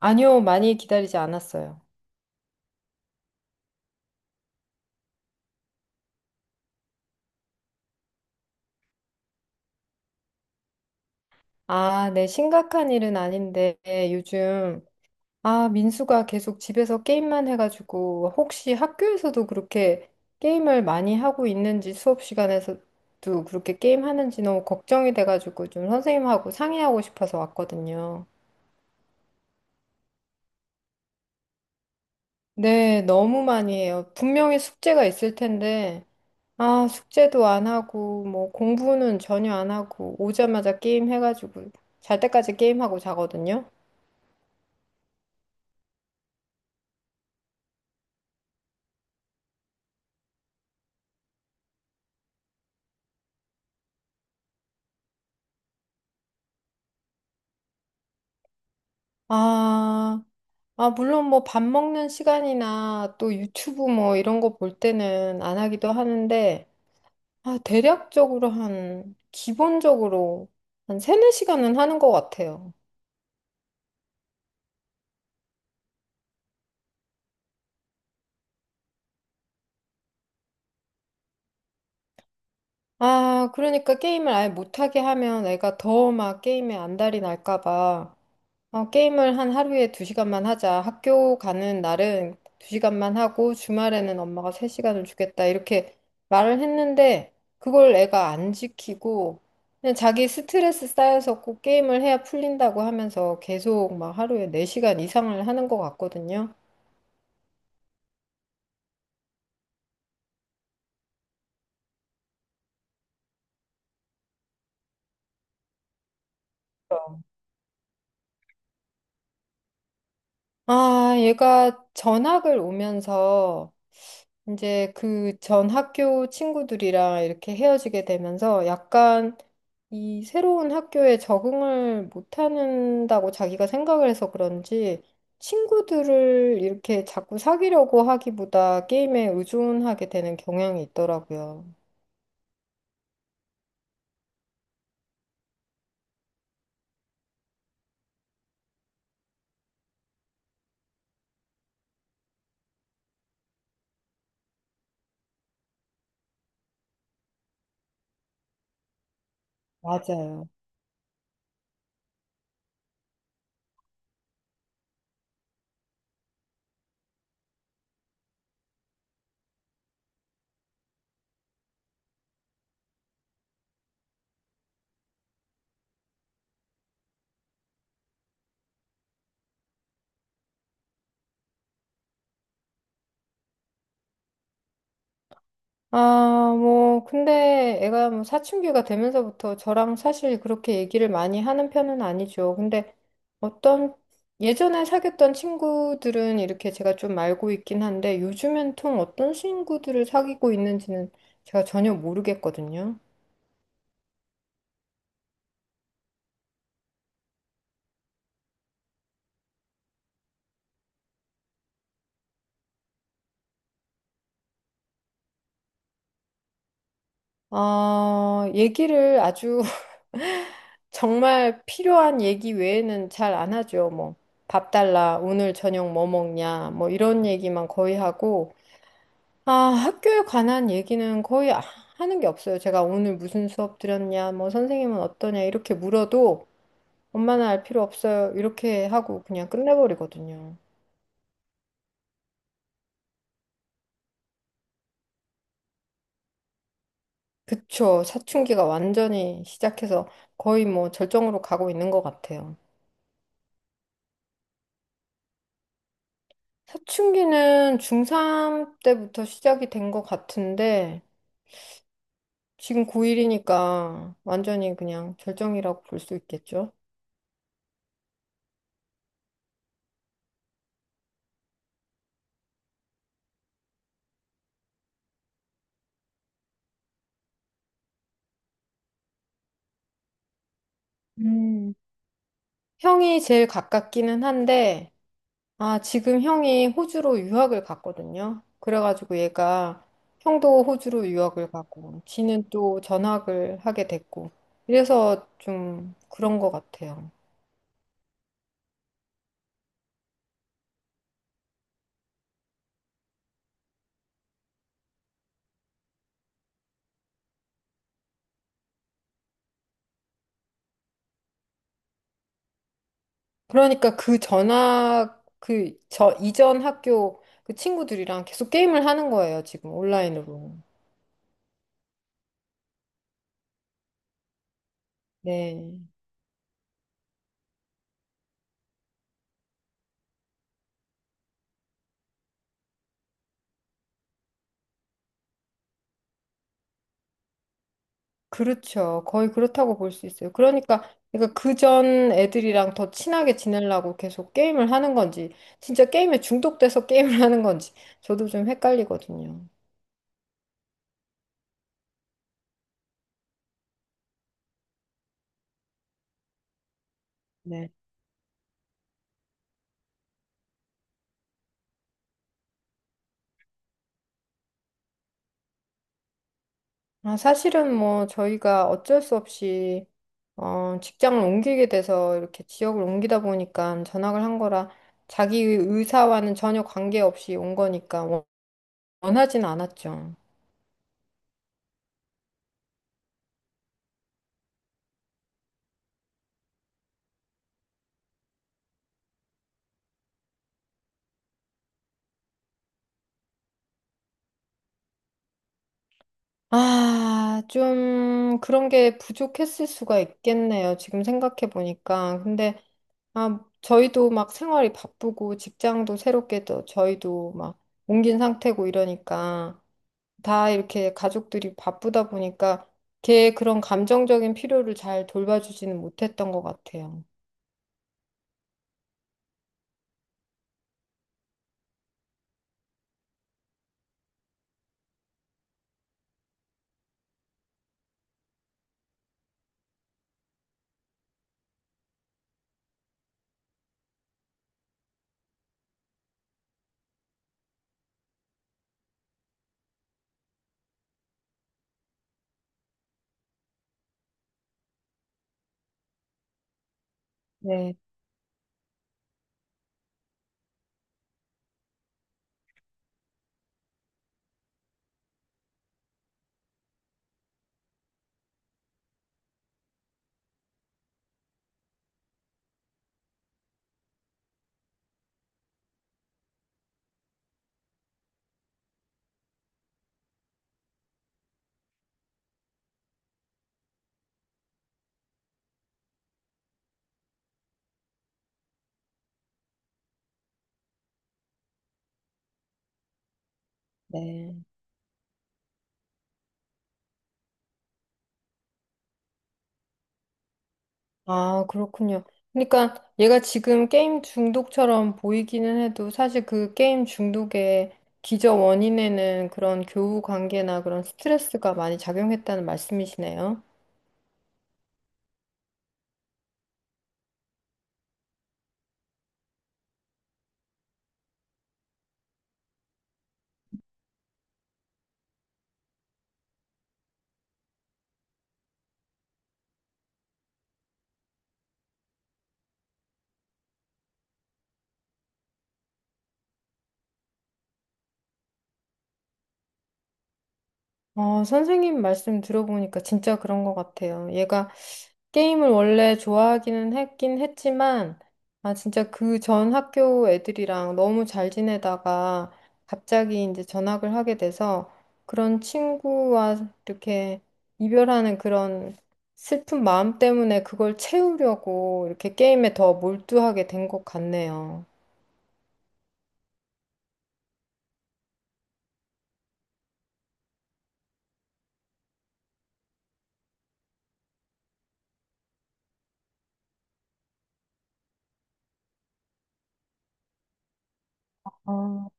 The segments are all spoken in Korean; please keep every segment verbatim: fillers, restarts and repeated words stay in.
아니요, 많이 기다리지 않았어요. 아, 네, 심각한 일은 아닌데, 요즘, 아, 민수가 계속 집에서 게임만 해가지고, 혹시 학교에서도 그렇게 게임을 많이 하고 있는지, 수업 시간에서도 그렇게 게임하는지 너무 걱정이 돼가지고, 좀 선생님하고 상의하고 싶어서 왔거든요. 네, 너무 많이 해요. 분명히 숙제가 있을 텐데, 아, 숙제도 안 하고, 뭐, 공부는 전혀 안 하고, 오자마자 게임 해가지고, 잘 때까지 게임하고 자거든요. 아, 아, 물론 뭐 밥 먹는 시간이나 또 유튜브 뭐 이런 거 볼 때는 안 하기도 하는데, 아, 대략적으로 한, 기본적으로 한 세네 시간은 하는 것 같아요. 아, 그러니까 게임을 아예 못하게 하면 애가 더 막 게임에 안달이 날까 봐 어 게임을 한 하루에 두시간만 하자. 학교 가는 날은 두시간만 하고 주말에는 엄마가 세시간을 주겠다. 이렇게 말을 했는데 그걸 애가 안 지키고 그냥 자기 스트레스 쌓여서 꼭 게임을 해야 풀린다고 하면서 계속 막 하루에 네시간 이상을 하는 것 같거든요. 아, 얘가 전학을 오면서 이제 그 전 학교 친구들이랑 이렇게 헤어지게 되면서 약간 이 새로운 학교에 적응을 못한다고 자기가 생각을 해서 그런지 친구들을 이렇게 자꾸 사귀려고 하기보다 게임에 의존하게 되는 경향이 있더라고요. 맞아요. 아, 뭐, 근데 애가 뭐 사춘기가 되면서부터 저랑 사실 그렇게 얘기를 많이 하는 편은 아니죠. 근데 어떤 예전에 사귀었던 친구들은 이렇게 제가 좀 알고 있긴 한데 요즘엔 통 어떤 친구들을 사귀고 있는지는 제가 전혀 모르겠거든요. 아, 얘기를 아주 정말 필요한 얘기 외에는 잘 안 하죠. 뭐, 밥 달라, 오늘 저녁 뭐 먹냐, 뭐 이런 얘기만 거의 하고 아, 학교에 관한 얘기는 거의 아- 하는 게 없어요. 제가 오늘 무슨 수업 들었냐, 뭐 선생님은 어떠냐 이렇게 물어도 엄마는 알 필요 없어요. 이렇게 하고 그냥 끝내버리거든요. 그쵸. 사춘기가 완전히 시작해서 거의 뭐 절정으로 가고 있는 것 같아요. 사춘기는 중삼 때부터 시작이 된 것 같은데 지금 고일이니까 완전히 그냥 절정이라고 볼 수 있겠죠. 음. 형이 제일 가깝기는 한데 아, 지금 형이 호주로 유학을 갔거든요. 그래가지고 얘가 형도 호주로 유학을 가고, 지는 또 전학을 하게 됐고, 이래서 좀 그런 것 같아요. 그러니까 그 전학, 그, 저 이전 학교 그 친구들이랑 계속 게임을 하는 거예요, 지금 온라인으로. 네. 그렇죠. 거의 그렇다고 볼 수 있어요. 그러니까, 그러니까 그전 애들이랑 더 친하게 지내려고 계속 게임을 하는 건지, 진짜 게임에 중독돼서 게임을 하는 건지, 저도 좀 헷갈리거든요. 네. 아, 사실은 뭐 저희가 어쩔 수 없이 어, 직장을 옮기게 돼서 이렇게 지역을 옮기다 보니까 전학을 한 거라 자기 의사와는 전혀 관계없이 온 거니까 원- 원하진 않았죠. 아, 좀 그런 게 부족했을 수가 있겠네요. 지금 생각해 보니까. 근데 아, 저희도 막 생활이 바쁘고 직장도 새롭게 또 저희도 막 옮긴 상태고 이러니까 다 이렇게 가족들이 바쁘다 보니까 걔 그런 감정적인 필요를 잘 돌봐주지는 못했던 것 같아요. 네, 네. 아, 그렇군요. 그러니까 얘가 지금 게임 중독처럼 보이기는 해도 사실 그 게임 중독의 기저 원인에는 그런 교우 관계나 그런 스트레스가 많이 작용했다는 말씀이시네요. 어, 선생님 말씀 들어보니까 진짜 그런 것 같아요. 얘가 게임을 원래 좋아하기는 했긴 했지만, 아, 진짜 그 전 학교 애들이랑 너무 잘 지내다가 갑자기 이제 전학을 하게 돼서 그런 친구와 이렇게 이별하는 그런 슬픈 마음 때문에 그걸 채우려고 이렇게 게임에 더 몰두하게 된 것 같네요. 아,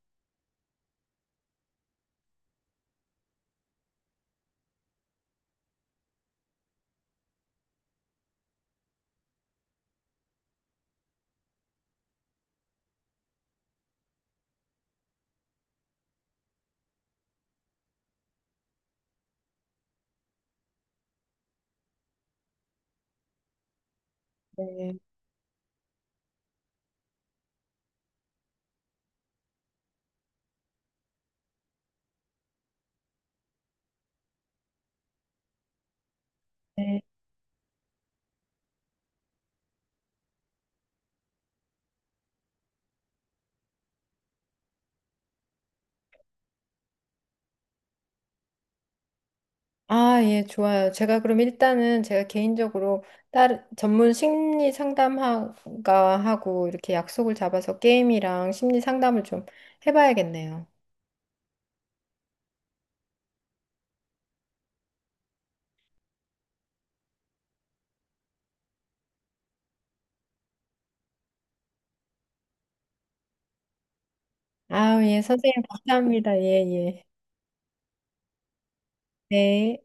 네. 네. 아, 예, 좋아요. 제가 그럼 일단은 제가 개인적으로 다른 전문 심리 상담가하고 이렇게 약속을 잡아서 게임이랑 심리 상담을 좀 해봐야겠네요. 아, 예, 선생님 감사합니다. 예, 예. 네.